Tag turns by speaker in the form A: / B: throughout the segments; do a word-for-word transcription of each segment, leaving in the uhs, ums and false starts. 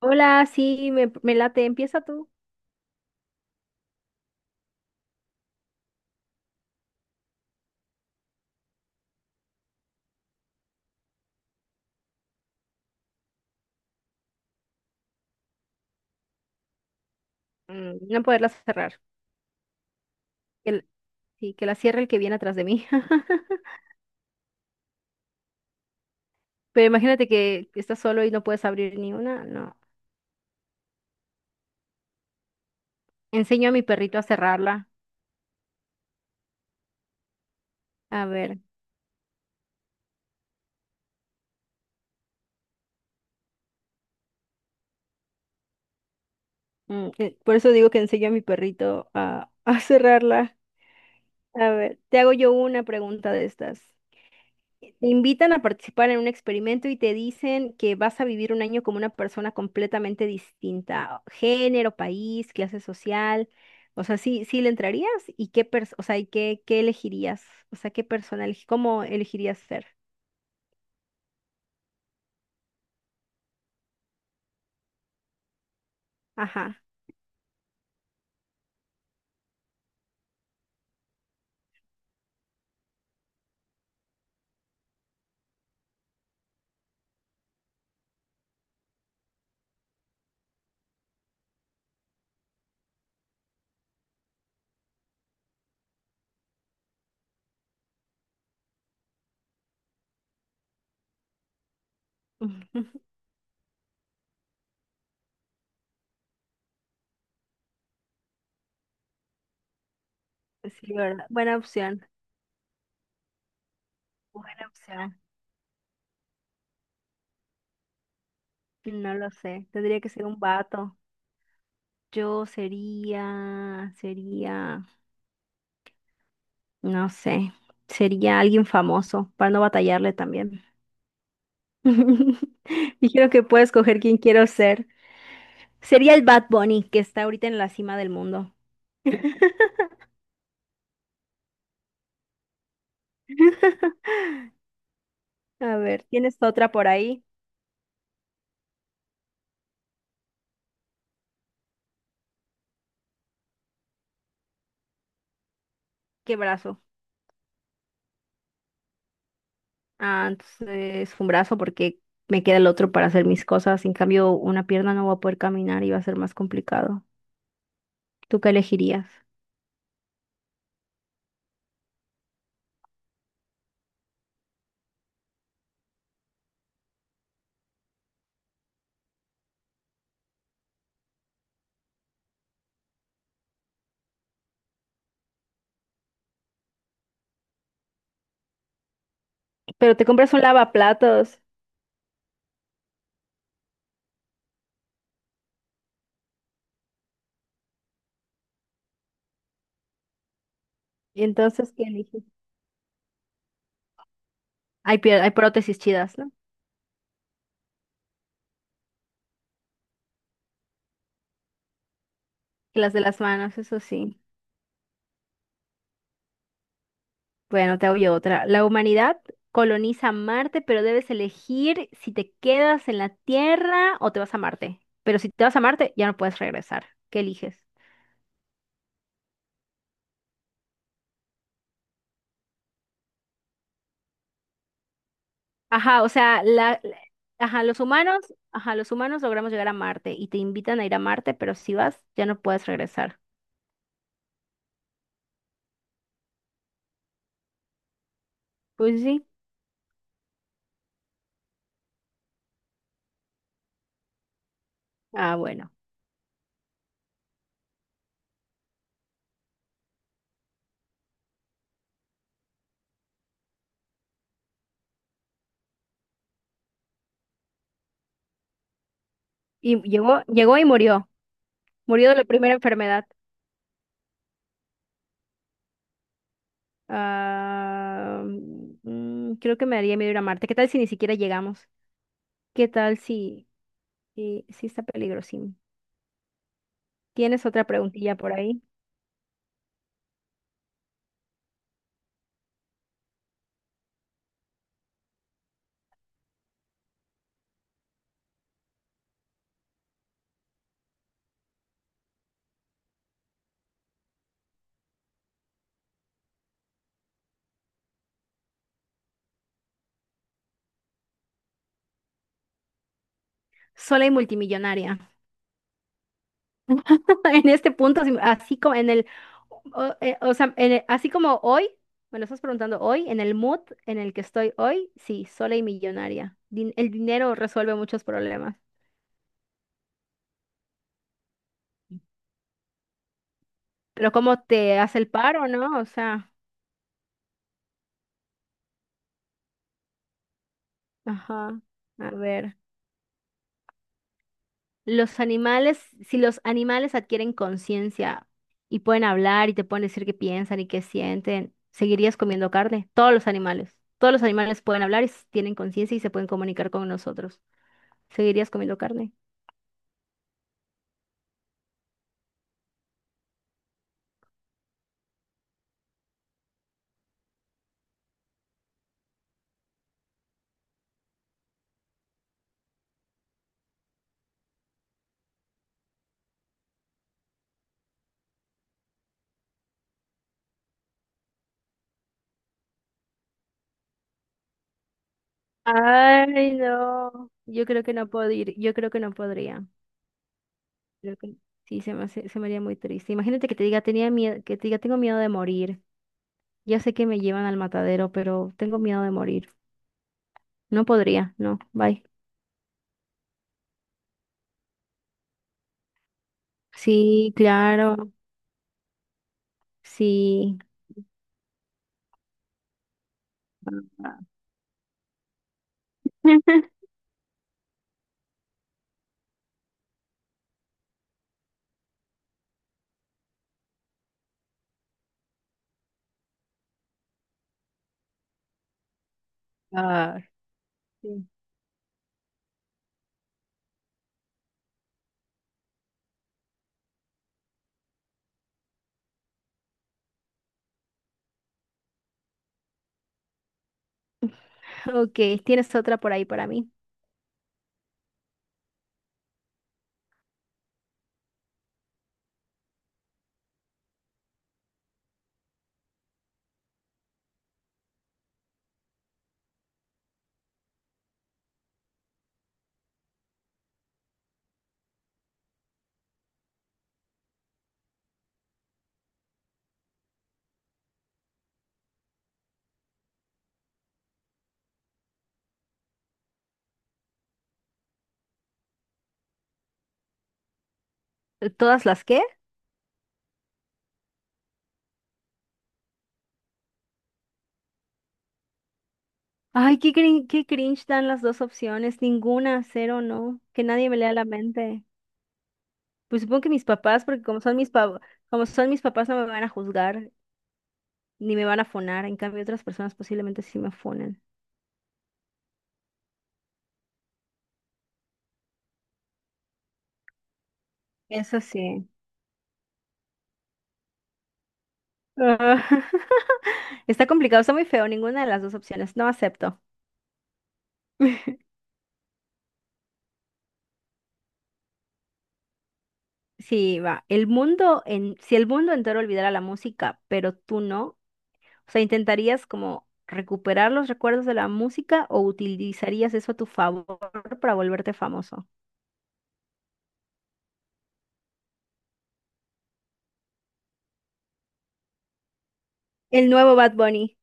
A: Hola, sí, me, me late. Empieza tú. Mm, no poderla cerrar. Que l- sí, que la cierre el que viene atrás de mí. Pero imagínate que estás solo y no puedes abrir ni una. No. Enseño a mi perrito a cerrarla. A ver. mm, eh, Por eso digo que enseño a mi perrito a, a cerrarla. A ver, te hago yo una pregunta de estas. Te invitan a participar en un experimento y te dicen que vas a vivir un año como una persona completamente distinta, género, país, clase social. O sea, sí, sí le entrarías y qué pers- o sea, y qué, qué elegirías, o sea, qué persona, eleg- cómo elegirías ser. Ajá. Ujú. Sí, ¿verdad? Buena opción. Buena opción. No lo sé. Tendría que ser un vato. Yo sería, sería, no sé, sería alguien famoso para no batallarle también. Dijeron que puedo escoger quién quiero ser. Sería el Bad Bunny, que está ahorita en la cima del mundo. A ver, ¿tienes otra por ahí? ¿Qué brazo? Ah, entonces un brazo porque me queda el otro para hacer mis cosas. En cambio, una pierna no va a poder caminar y va a ser más complicado. ¿Tú qué elegirías? Pero te compras un lavaplatos. ¿Y entonces qué eliges? Hay, pier- hay prótesis chidas, ¿no? Que las de las manos, eso sí. Bueno, te oye otra. La humanidad coloniza Marte, pero debes elegir si te quedas en la Tierra o te vas a Marte. Pero si te vas a Marte, ya no puedes regresar. ¿Qué eliges? Ajá, o sea, la, la- ajá, los humanos, ajá, los humanos logramos llegar a Marte y te invitan a ir a Marte, pero si vas, ya no puedes regresar. Pues sí. Ah, bueno. Y llegó, llegó y murió. Murió de la primera enfermedad. Ah, mm, creo que me daría miedo ir a Marte. ¿Qué tal si ni siquiera llegamos? ¿Qué tal si sí, sí está peligrosísimo. ¿Tienes otra preguntilla por ahí? Sola y multimillonaria. En este punto, si- así como en el, o, eh, o sea, en el- así como hoy, me lo estás preguntando hoy, en el mood en el que estoy hoy, sí, sola y millonaria. Din- el dinero resuelve muchos problemas. Pero ¿cómo te hace el paro, no? O sea, ajá, a ver. Los animales, si los animales adquieren conciencia y pueden hablar y te pueden decir qué piensan y qué sienten, ¿seguirías comiendo carne? Todos los animales. Todos los animales pueden hablar y s- tienen conciencia y se pueden comunicar con nosotros. ¿Seguirías comiendo carne? Ay, no. Yo creo que no podría, yo creo que no podría. Creo que sí, se me hace- se me haría muy triste. Imagínate que te diga, tenía miedo, que te diga, tengo miedo de morir. Ya sé que me llevan al matadero, pero tengo miedo de morir. No podría, no, bye. Sí, claro. Sí. Ah, ah, sí. Ok, tienes otra por ahí para mí. ¿Todas las qué? Ay, qué crin- qué cringe dan las dos opciones. Ninguna, cero, no. Que nadie me lea la mente. Pues supongo que mis papás, porque como son mis pa- como son mis papás, no me van a juzgar ni me van a fonar. En cambio, otras personas posiblemente sí me fonen. Eso sí. Ah, está complicado, está muy feo. Ninguna de las dos opciones. No acepto. Sí, va. El mundo en, si el mundo entero olvidara la música, pero tú no, o sea, ¿intentarías como recuperar los recuerdos de la música o utilizarías eso a tu favor para volverte famoso? El nuevo Bad Bunny.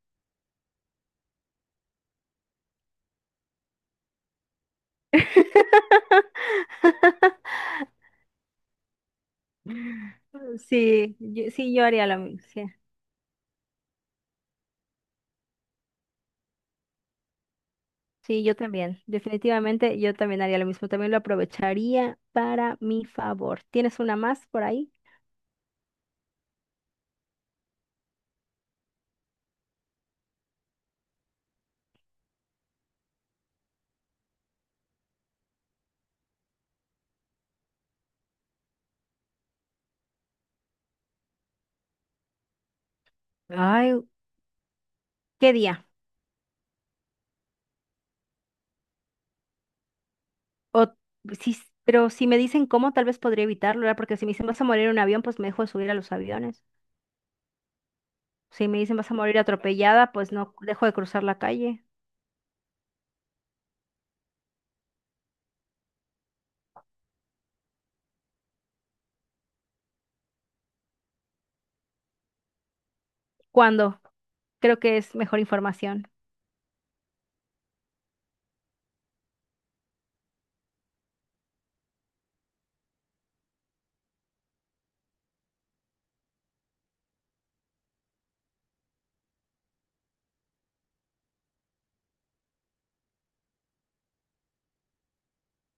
A: Sí, yo- sí, yo haría lo mismo. Sí. Sí, yo también. Definitivamente yo también haría lo mismo. También lo aprovecharía para mi favor. ¿Tienes una más por ahí? Ay, ¿qué día? O sí, s- pero si me dicen cómo, tal vez podría evitarlo, ¿verdad? Porque si me dicen vas a morir en un avión, pues me dejo de subir a los aviones. Si me dicen vas a morir atropellada, pues no dejo de cruzar la calle. ¿Cuándo? Creo que es mejor información.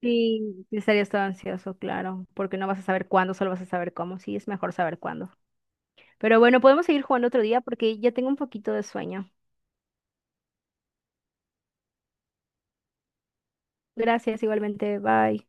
A: Sí, sí estarías todo ansioso, claro, porque no vas a saber cuándo, solo vas a saber cómo. Sí, es mejor saber cuándo. Pero bueno, podemos seguir jugando otro día porque ya tengo un poquito de sueño. Gracias, igualmente. Bye.